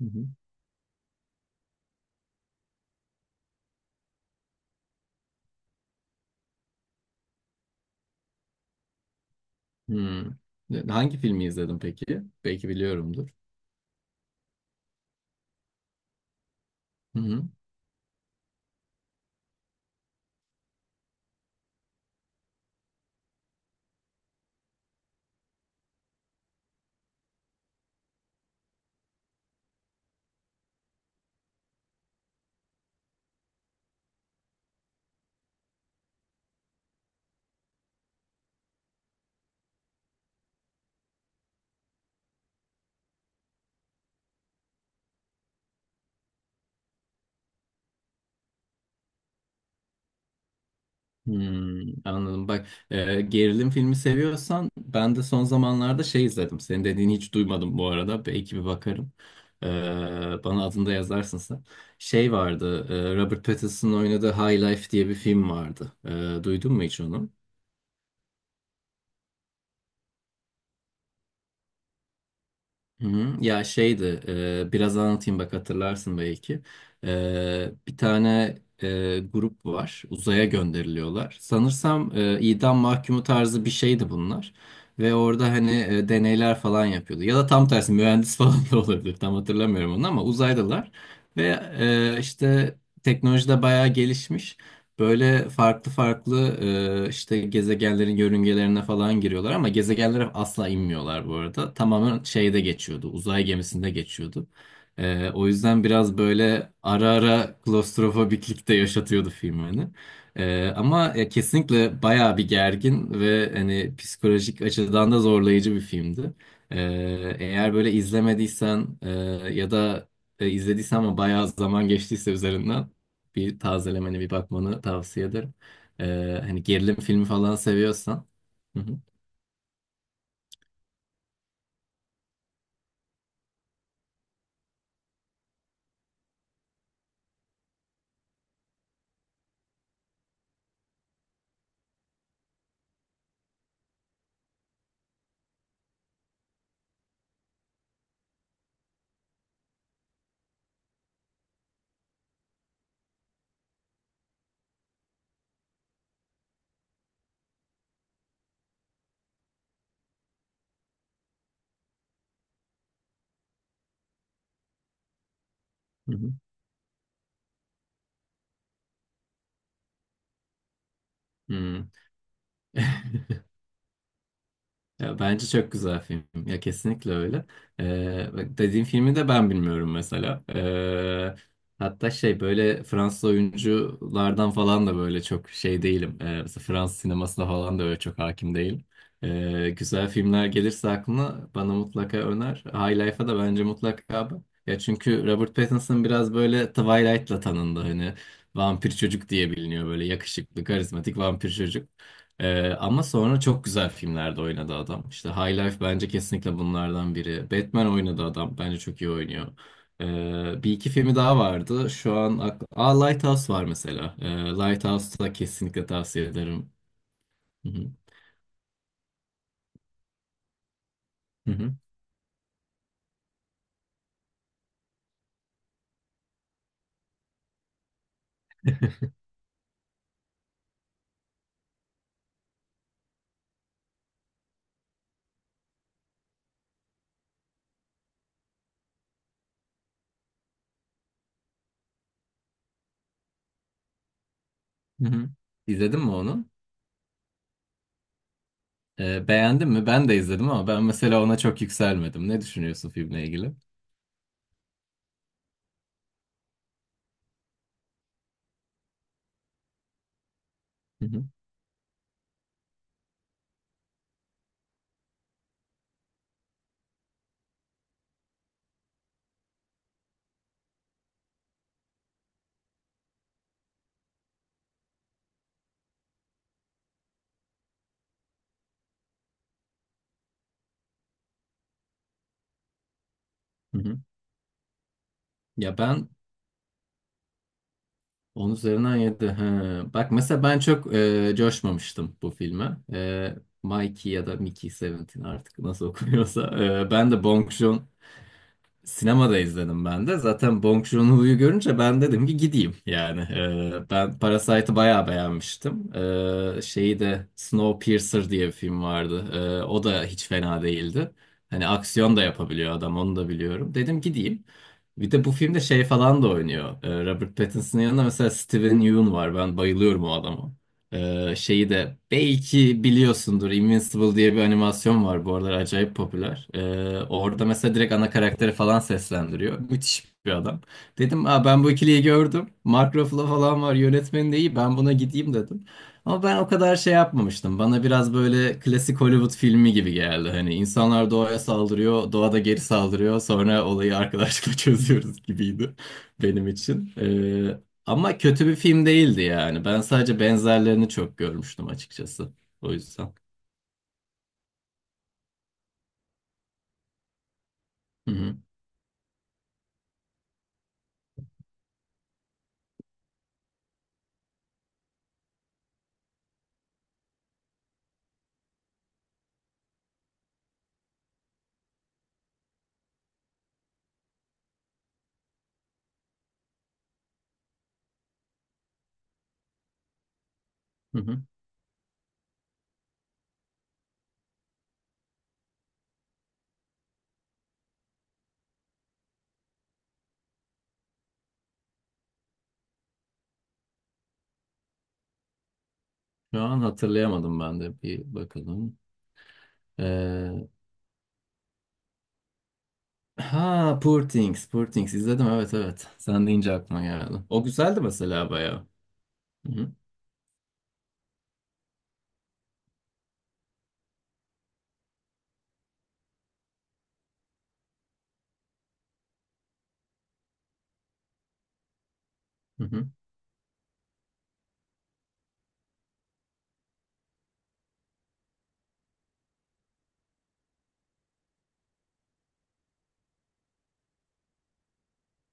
Hı hı. Hmm. Hangi filmi izledin peki? Belki biliyorumdur. Hı hı. Hmm, anladım. Bak, gerilim filmi seviyorsan ben de son zamanlarda şey izledim. Senin dediğini hiç duymadım bu arada. Belki bir bakarım. E, bana adını da yazarsın sen. Şey vardı. Robert Pattinson'ın oynadığı High Life diye bir film vardı. Duydun mu hiç onu? Hı hı. Ya şeydi, biraz anlatayım bak hatırlarsın belki. Bir tane grup var, uzaya gönderiliyorlar. Sanırsam idam mahkumu tarzı bir şeydi bunlar. Ve orada hani deneyler falan yapıyordu. Ya da tam tersi mühendis falan da olabilir, tam hatırlamıyorum onu ama uzaydalar. Ve işte teknoloji de bayağı gelişmiş. Böyle farklı farklı işte gezegenlerin yörüngelerine falan giriyorlar ama gezegenlere asla inmiyorlar bu arada. Tamamen şeyde geçiyordu, uzay gemisinde geçiyordu. O yüzden biraz böyle ara ara klostrofobiklik de yaşatıyordu film beni. Ama kesinlikle bayağı bir gergin ve hani psikolojik açıdan da zorlayıcı bir filmdi. E, eğer böyle izlemediysen ya da izlediysen ama bayağı zaman geçtiyse üzerinden bir tazelemeni bir bakmanı tavsiye ederim. Hani gerilim filmi falan seviyorsan. Hı hı, hı hı. Hmm. Ya bence çok güzel film. Ya kesinlikle öyle. Bak dediğim filmi de ben bilmiyorum mesela. Hatta şey böyle Fransız oyunculardan falan da böyle çok şey değilim. Mesela Fransız sinemasına falan da öyle çok hakim değilim. Güzel filmler gelirse aklına bana mutlaka öner. High Life'a da bence mutlaka bak. Ya çünkü Robert Pattinson biraz böyle Twilight'la tanındı hani. Vampir çocuk diye biliniyor böyle yakışıklı, karizmatik vampir çocuk. Ama sonra çok güzel filmlerde oynadı adam. İşte High Life bence kesinlikle bunlardan biri. Batman oynadı adam. Bence çok iyi oynuyor. Bir iki filmi daha vardı. Şu an Aa, Lighthouse var mesela. Lighthouse'u da kesinlikle tavsiye ederim. Hı hı. Hı hı. Hı hı. İzledin mi onu? Beğendin mi? Ben de izledim ama ben mesela ona çok yükselmedim. Ne düşünüyorsun filmle ilgili? Hı hı. Hı hı. Ya ben 10 üzerinden 7. He. Bak mesela ben çok coşmamıştım bu filme. Mikey ya da Mickey Seventeen artık nasıl okunuyorsa. E, ben de Bong Joon Sinemada izledim ben de. Zaten Bong Joon-ho'yu görünce ben dedim ki gideyim yani. Ben Parasite'ı bayağı beğenmiştim. Şeyi de Snowpiercer diye bir film vardı. O da hiç fena değildi. Hani aksiyon da yapabiliyor adam onu da biliyorum. Dedim gideyim. Bir de bu filmde şey falan da oynuyor. Robert Pattinson'ın yanında mesela Steven Yeun var. Ben bayılıyorum o adama. Şeyi de belki biliyorsundur Invincible diye bir animasyon var bu aralar acayip popüler. Orada mesela direkt ana karakteri falan seslendiriyor. Müthiş bir adam. Dedim Aa, ben bu ikiliyi gördüm. Mark Ruffalo falan var, yönetmeni de iyi, ben buna gideyim dedim. Ama ben o kadar şey yapmamıştım. Bana biraz böyle klasik Hollywood filmi gibi geldi. Hani insanlar doğaya saldırıyor, doğa da geri saldırıyor. Sonra olayı arkadaşlıkla çözüyoruz gibiydi benim için. Ama kötü bir film değildi yani. Ben sadece benzerlerini çok görmüştüm açıkçası. O yüzden. Hı hı. Hı hı. Şu an hatırlayamadım ben de. Bir bakalım. Ee, ha Poor Things. Poor Things izledim. Evet, evet. Sen deyince aklıma geldi. O güzeldi mesela bayağı. Hı hı. Hı hı.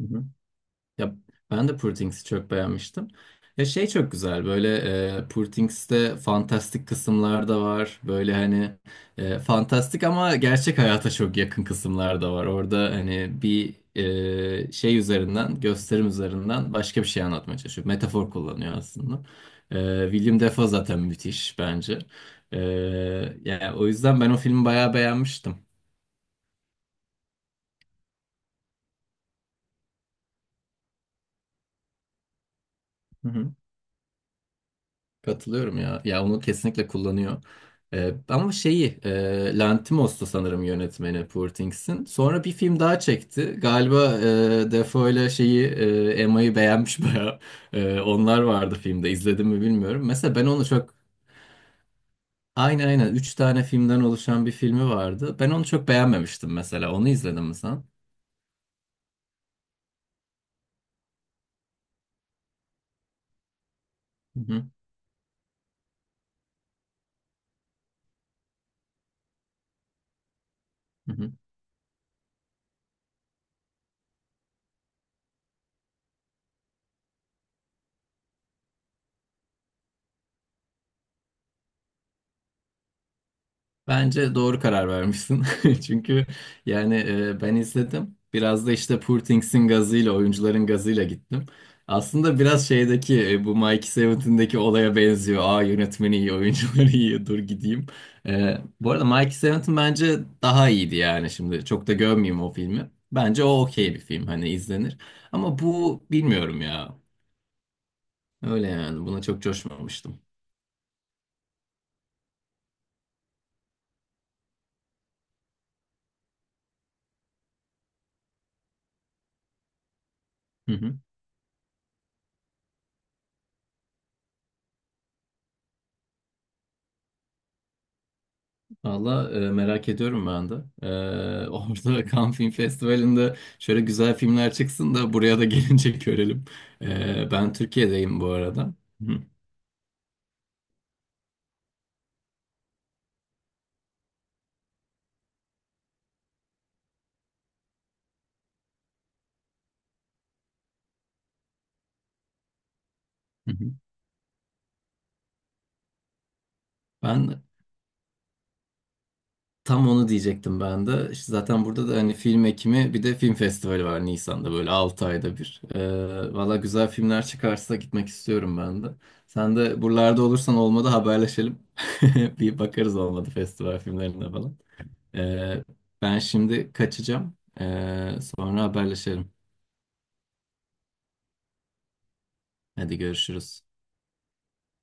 Hı hı. Ya ben de Poor Things'i çok beğenmiştim. Ya şey çok güzel böyle Poor Things'te fantastik kısımlar da var. Böyle hani fantastik ama gerçek hayata çok yakın kısımlar da var. Orada hani bir şey üzerinden, gösterim üzerinden başka bir şey anlatmaya çalışıyor. Metafor kullanıyor aslında. William Dafoe zaten müthiş bence. E, yani o yüzden ben o filmi bayağı beğenmiştim. Hı hı. Katılıyorum ya. Ya onu kesinlikle kullanıyor. Ama şeyi Lanthimos'tu sanırım yönetmeni Poor Things'in. Sonra bir film daha çekti. Galiba Defoe ile şeyi Emma'yı beğenmiş bayağı. Onlar vardı filmde. İzledim mi bilmiyorum. Mesela ben onu çok, aynı aynen 3 tane filmden oluşan bir filmi vardı. Ben onu çok beğenmemiştim mesela. Onu izledin mi sen? Hı hı. Hı hı. Bence doğru karar vermişsin. Çünkü yani ben izledim. Biraz da işte Poor Things'in gazıyla, oyuncuların gazıyla gittim. Aslında biraz şeydeki bu Mikey Seven'tindeki olaya benziyor. Aa, yönetmeni iyi, oyuncuları iyi, dur gideyim. Bu arada Mikey Seven'tin bence daha iyiydi yani şimdi. Çok da gömmeyeyim o filmi. Bence o okey bir film, hani izlenir. Ama bu bilmiyorum ya. Öyle yani, buna çok coşmamıştım. Valla merak ediyorum ben de. Orada Cannes Film Festivali'nde şöyle güzel filmler çıksın da buraya da gelince görelim. Ben Türkiye'deyim bu arada. Hı. Hı hı. Ben tam onu diyecektim ben de. İşte zaten burada da hani Film Ekimi bir de film festivali var Nisan'da, böyle 6 ayda bir. Valla güzel filmler çıkarsa gitmek istiyorum ben de. Sen de buralarda olursan olmadı haberleşelim. Bir bakarız olmadı festival filmlerine falan. Ee, ben şimdi kaçacağım. Sonra haberleşelim. Hadi, görüşürüz.